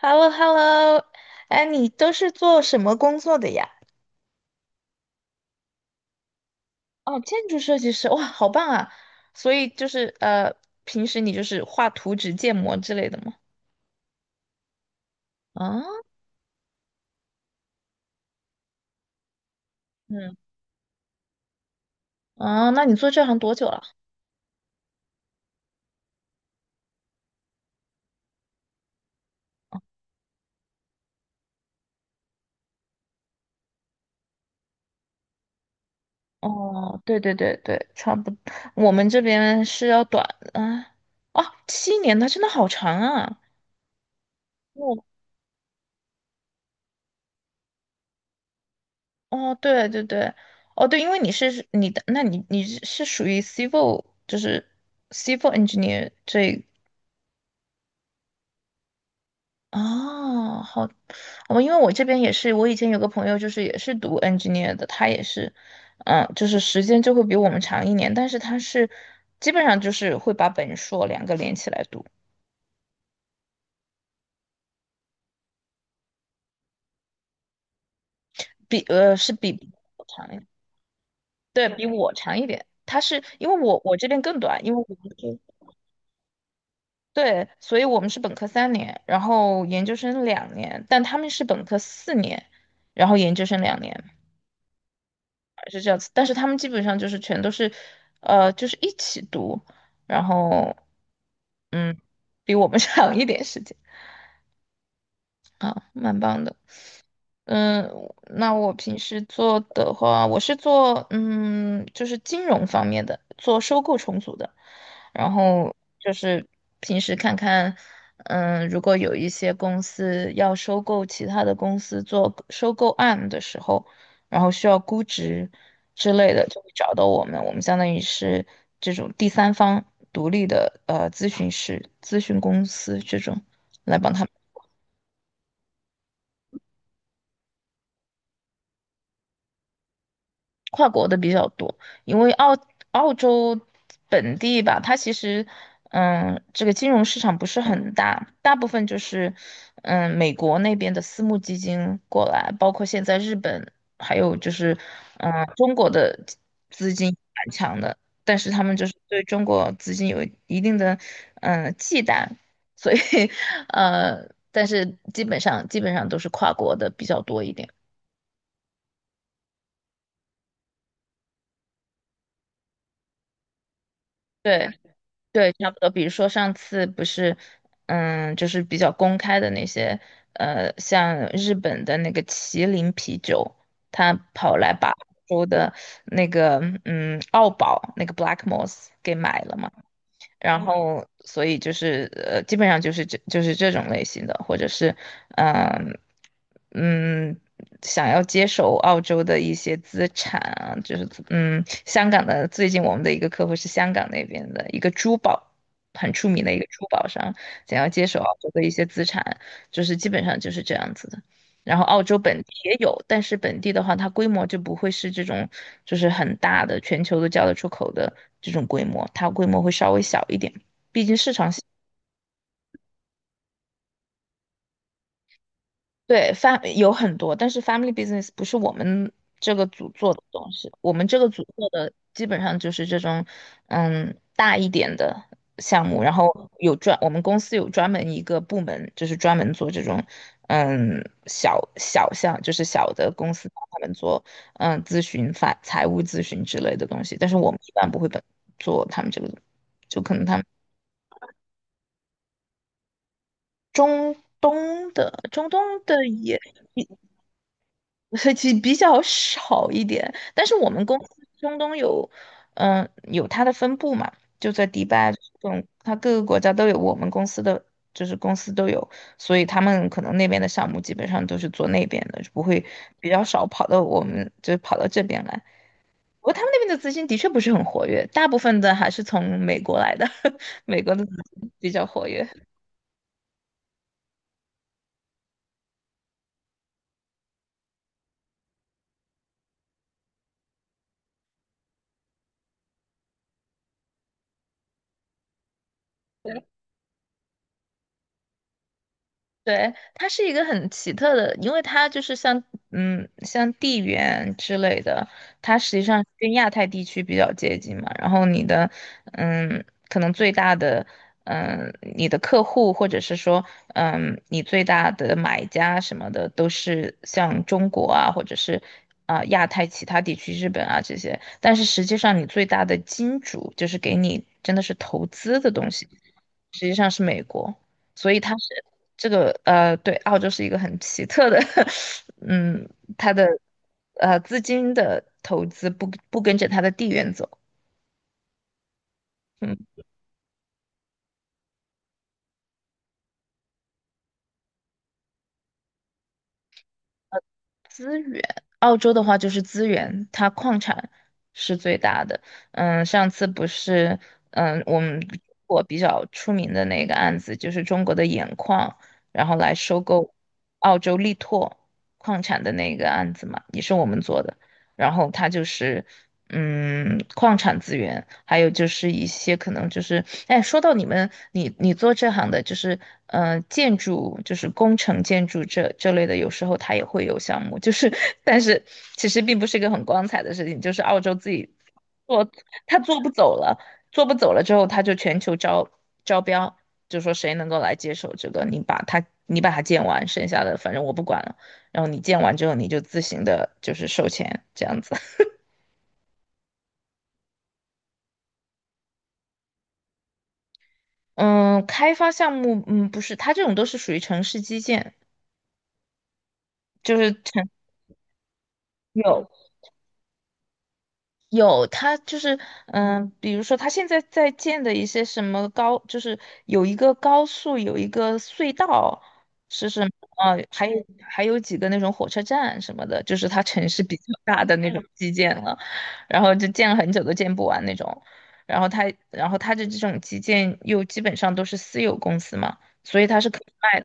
hello hello 哎，你都是做什么工作的呀？哦，建筑设计师，哇，好棒啊！所以就是平时你就是画图纸、建模之类的吗？啊。嗯，啊，那你做这行多久了？哦，对对对对，差不多，我们这边是要短啊。哦，7年，那真的好长啊！哦，哦，对对对，哦对，因为你是你的，那你是属于 civil，就是 civil engineer 这。哦，好，哦，因为我这边也是，我以前有个朋友就是也是读 engineer 的，他也是，嗯，就是时间就会比我们长1年，但是他是基本上就是会把本硕两个连起来读，是比我长一点，对，比我长一点，他是因为我这边更短，因为我们是。对，所以我们是本科3年，然后研究生两年，但他们是本科4年，然后研究生两年。是这样子，但是他们基本上就是全都是，就是一起读，然后嗯，比我们 长一点时间啊，蛮棒的。嗯，那我平时做的话，我是做就是金融方面的，做收购重组的。然后就是平时看看，嗯，如果有一些公司要收购其他的公司做收购案的时候，然后需要估值之类的，就会找到我们。我们相当于是这种第三方独立的咨询师、咨询公司这种来帮他们。跨国的比较多，因为澳洲本地吧，它其实，嗯，这个金融市场不是很大，大部分就是，嗯，美国那边的私募基金过来，包括现在日本，还有就是，嗯，中国的资金蛮强的，但是他们就是对中国资金有一定的，嗯，忌惮，所以，但是基本上都是跨国的比较多一点，对。对，差不多。比如说上次不是，嗯，就是比较公开的那些，像日本的那个麒麟啤酒，他跑来把欧洲的那个，嗯，澳宝那个 Black Moss 给买了嘛。然后所以就是基本上就是这种类型的，或者是嗯嗯，想要接手澳洲的一些资产啊，就是香港的最近我们的一个客户是香港那边的一个珠宝很出名的一个珠宝商，想要接手澳洲的一些资产，就是基本上就是这样子的。然后澳洲本地也有，但是本地的话，它规模就不会是这种就是很大的，全球都叫得出口的这种规模，它规模会稍微小一点，毕竟市场。对，有很多，但是 family business 不是我们这个组做的东西，我们这个组做的基本上就是这种，嗯，大一点的项目，然后我们公司有专门一个部门，就是专门做这种，嗯，小小项，就是小的公司帮他们做，嗯，咨询、法、财务咨询之类的东西，但是我们一般不会做他们这个，就可能他们东中东的也。所以其实比较少一点。但是我们公司中东有，嗯，有它的分部嘛，就在迪拜这种，它各个国家都有我们公司的，就是公司都有，所以他们可能那边的项目基本上都是做那边的，就不会比较少跑到我们，就跑到这边来。不过他们那边的资金的确不是很活跃，大部分的还是从美国来的，美国的资金比较活跃。对，它是一个很奇特的，因为它就是像地缘之类的，它实际上跟亚太地区比较接近嘛。然后你的可能最大的你的客户或者是说你最大的买家什么的，都是像中国啊，或者是啊、亚太其他地区、日本啊这些。但是实际上，你最大的金主就是给你真的是投资的东西，实际上是美国。所以它是这个对，澳洲是一个很奇特的，嗯，它的资金的投资不跟着它的地缘走，嗯，资源，澳洲的话就是资源，它矿产是最大的，嗯，上次不是，嗯，我比较出名的那个案子就是中国的盐矿，然后来收购澳洲力拓矿产的那个案子嘛，也是我们做的。然后它就是矿产资源，还有就是一些可能就是哎，说到你们你做这行的，就是建筑就是工程建筑这类的，有时候它也会有项目，就是 但是其实并不是一个很光彩的事情，就是澳洲自己做，他做不走了，做不走了之后，他就全球招标，就说谁能够来接手这个，你把它建完，剩下的反正我不管了。然后你建完之后，你就自行的，就是收钱这样子。嗯，开发项目，嗯，不是，它这种都是属于城市基建，就是城有有，他就是，嗯，比如说他现在在建的一些什么高，就是有一个高速，有一个隧道，是什么？呃，还有还有几个那种火车站什么的，就是他城市比较大的那种基建了，然后就建了很久都建不完那种，然后他的这种基建又基本上都是私有公司嘛，所以他是可以卖。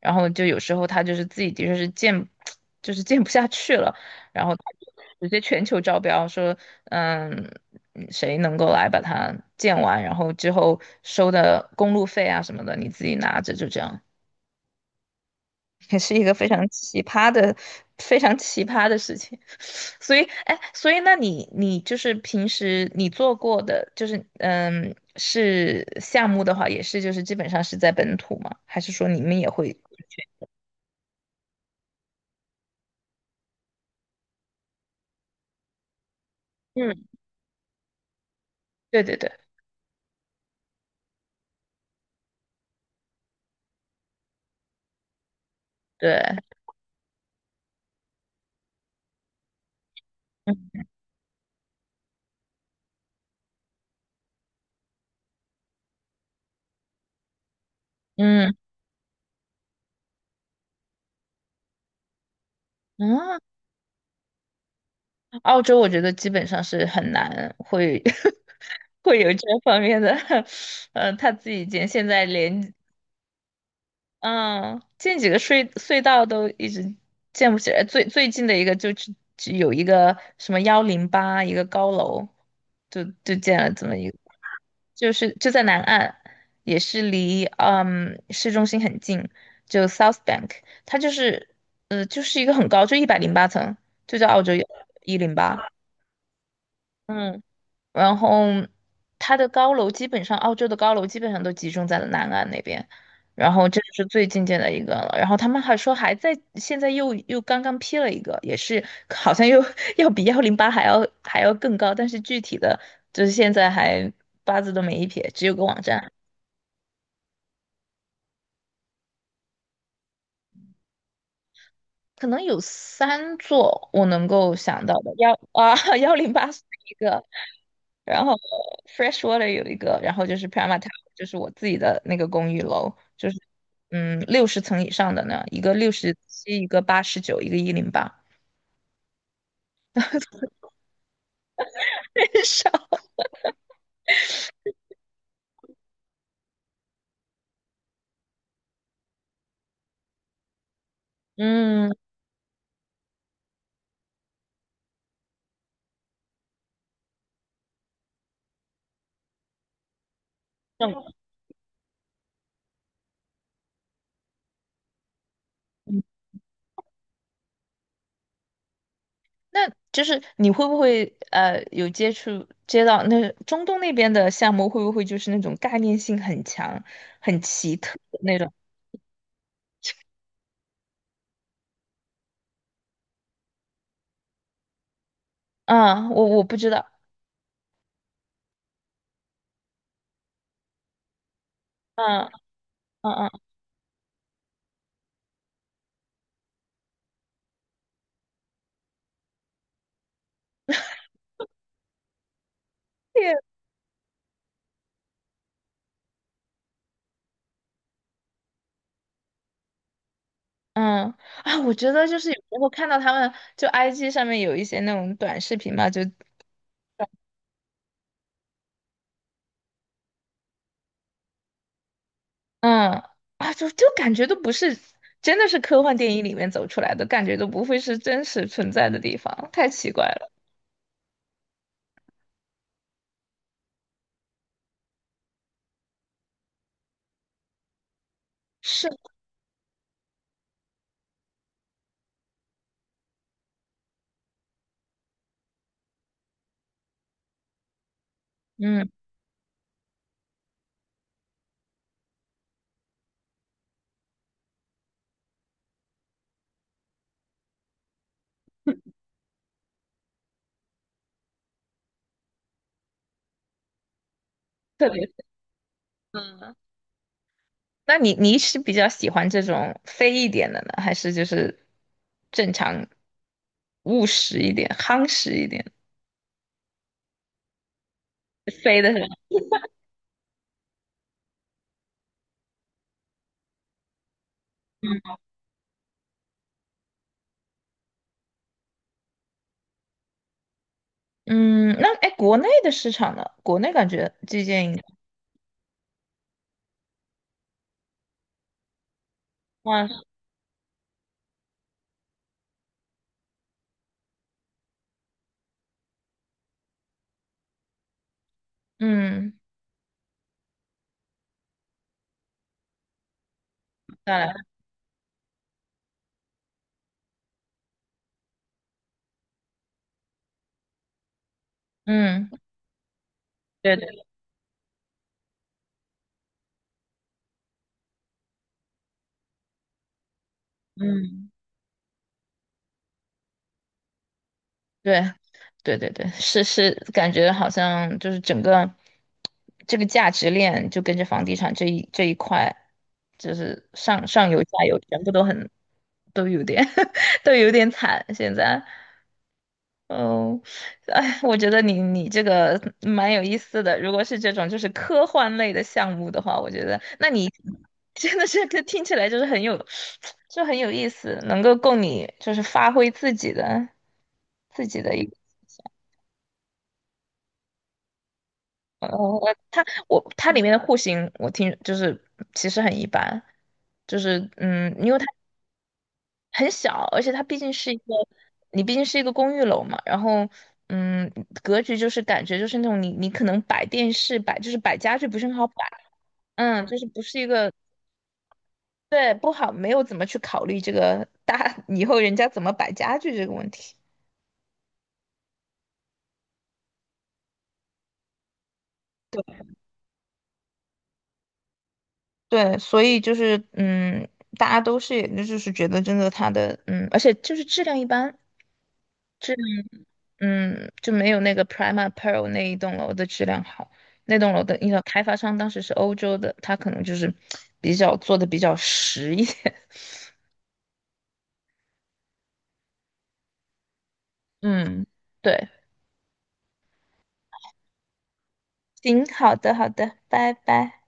然后就有时候他就是自己的确是建，就是建不下去了，然后他就直接全球招标说，嗯，谁能够来把它建完，然后之后收的公路费啊什么的，你自己拿着，就这样，也是一个非常奇葩的事情。所以，哎，所以那你就是平时你做过的，就是是项目的话，也是就是基本上是在本土吗？还是说你们也会？嗯，对对对。对，嗯嗯，澳洲我觉得基本上是很难会 会有这方面的，他自己现在连嗯，建几个隧道都一直建不起来，最近的一个就只有一个什么幺零八一个高楼，就建了这么一个，就是就在南岸，也是离市中心很近，就 South Bank，它就是就是一个很高，就108层，就叫澳洲幺零八1。然后它的高楼基本上，澳洲的高楼基本上都集中在了南岸那边，然后这是最近见的一个了。然后他们还说还在，现在又刚刚批了一个，也是好像又 要比108还要更高，但是具体的就是现在还八字都没一撇，只有个网站，可能有3座我能够想到的，108是一个，然后 Freshwater 有一个，然后就是 Prama Tower，就是我自己的那个公寓楼，就是60层以上的呢，一个67，一个89，一个108，很少。嗯，那嗯那就是你会不会有接到那中东那边的项目，会不会就是那种概念性很强、很奇特的那种？啊，我不知道，嗯嗯嗯，嗯。啊，我觉得就是有时候看到他们就 IG 上面有一些那种短视频嘛，就嗯啊，就就感觉都不是，真的是科幻电影里面走出来的，感觉都不会是真实存在的地方，太奇怪了。是，嗯，特别是，嗯，那你是比较喜欢这种飞一点的呢，还是就是正常务实一点、夯实一点。飞的是吧？嗯，那哎，国内的市场呢？国内感觉最近哇，嗯。下来，嗯，对对，嗯，对，对对对，是是，感觉好像就是整个这个价值链就跟着房地产这一块，就是上游下游全部都有点 都有点惨现在。嗯，哎，我觉得你这个蛮有意思的。如果是这种就是科幻类的项目的话，我觉得那你 真的是 听起来就是很有，就很有意思，能够供你就是发挥自己的一个嗯我它里面的户型我听就是其实很一般，就是因为它。很小，而且它毕竟是一个，你毕竟是一个公寓楼嘛，然后，嗯，格局就是感觉就是那种你可能摆电视摆家具不是很好摆，嗯，就是不是一个，对，不好，没有怎么去考虑这个大 以后人家怎么摆家具这个问题，对，所以就是大家都是也就是觉得真的它的而且就是质量一般，嗯，就没有那个 Prima Pearl 那一栋楼的质量好。那栋楼的一个开发商当时是欧洲的，他可能就是做的比较实一点。嗯。对，行，好的，好的，拜拜。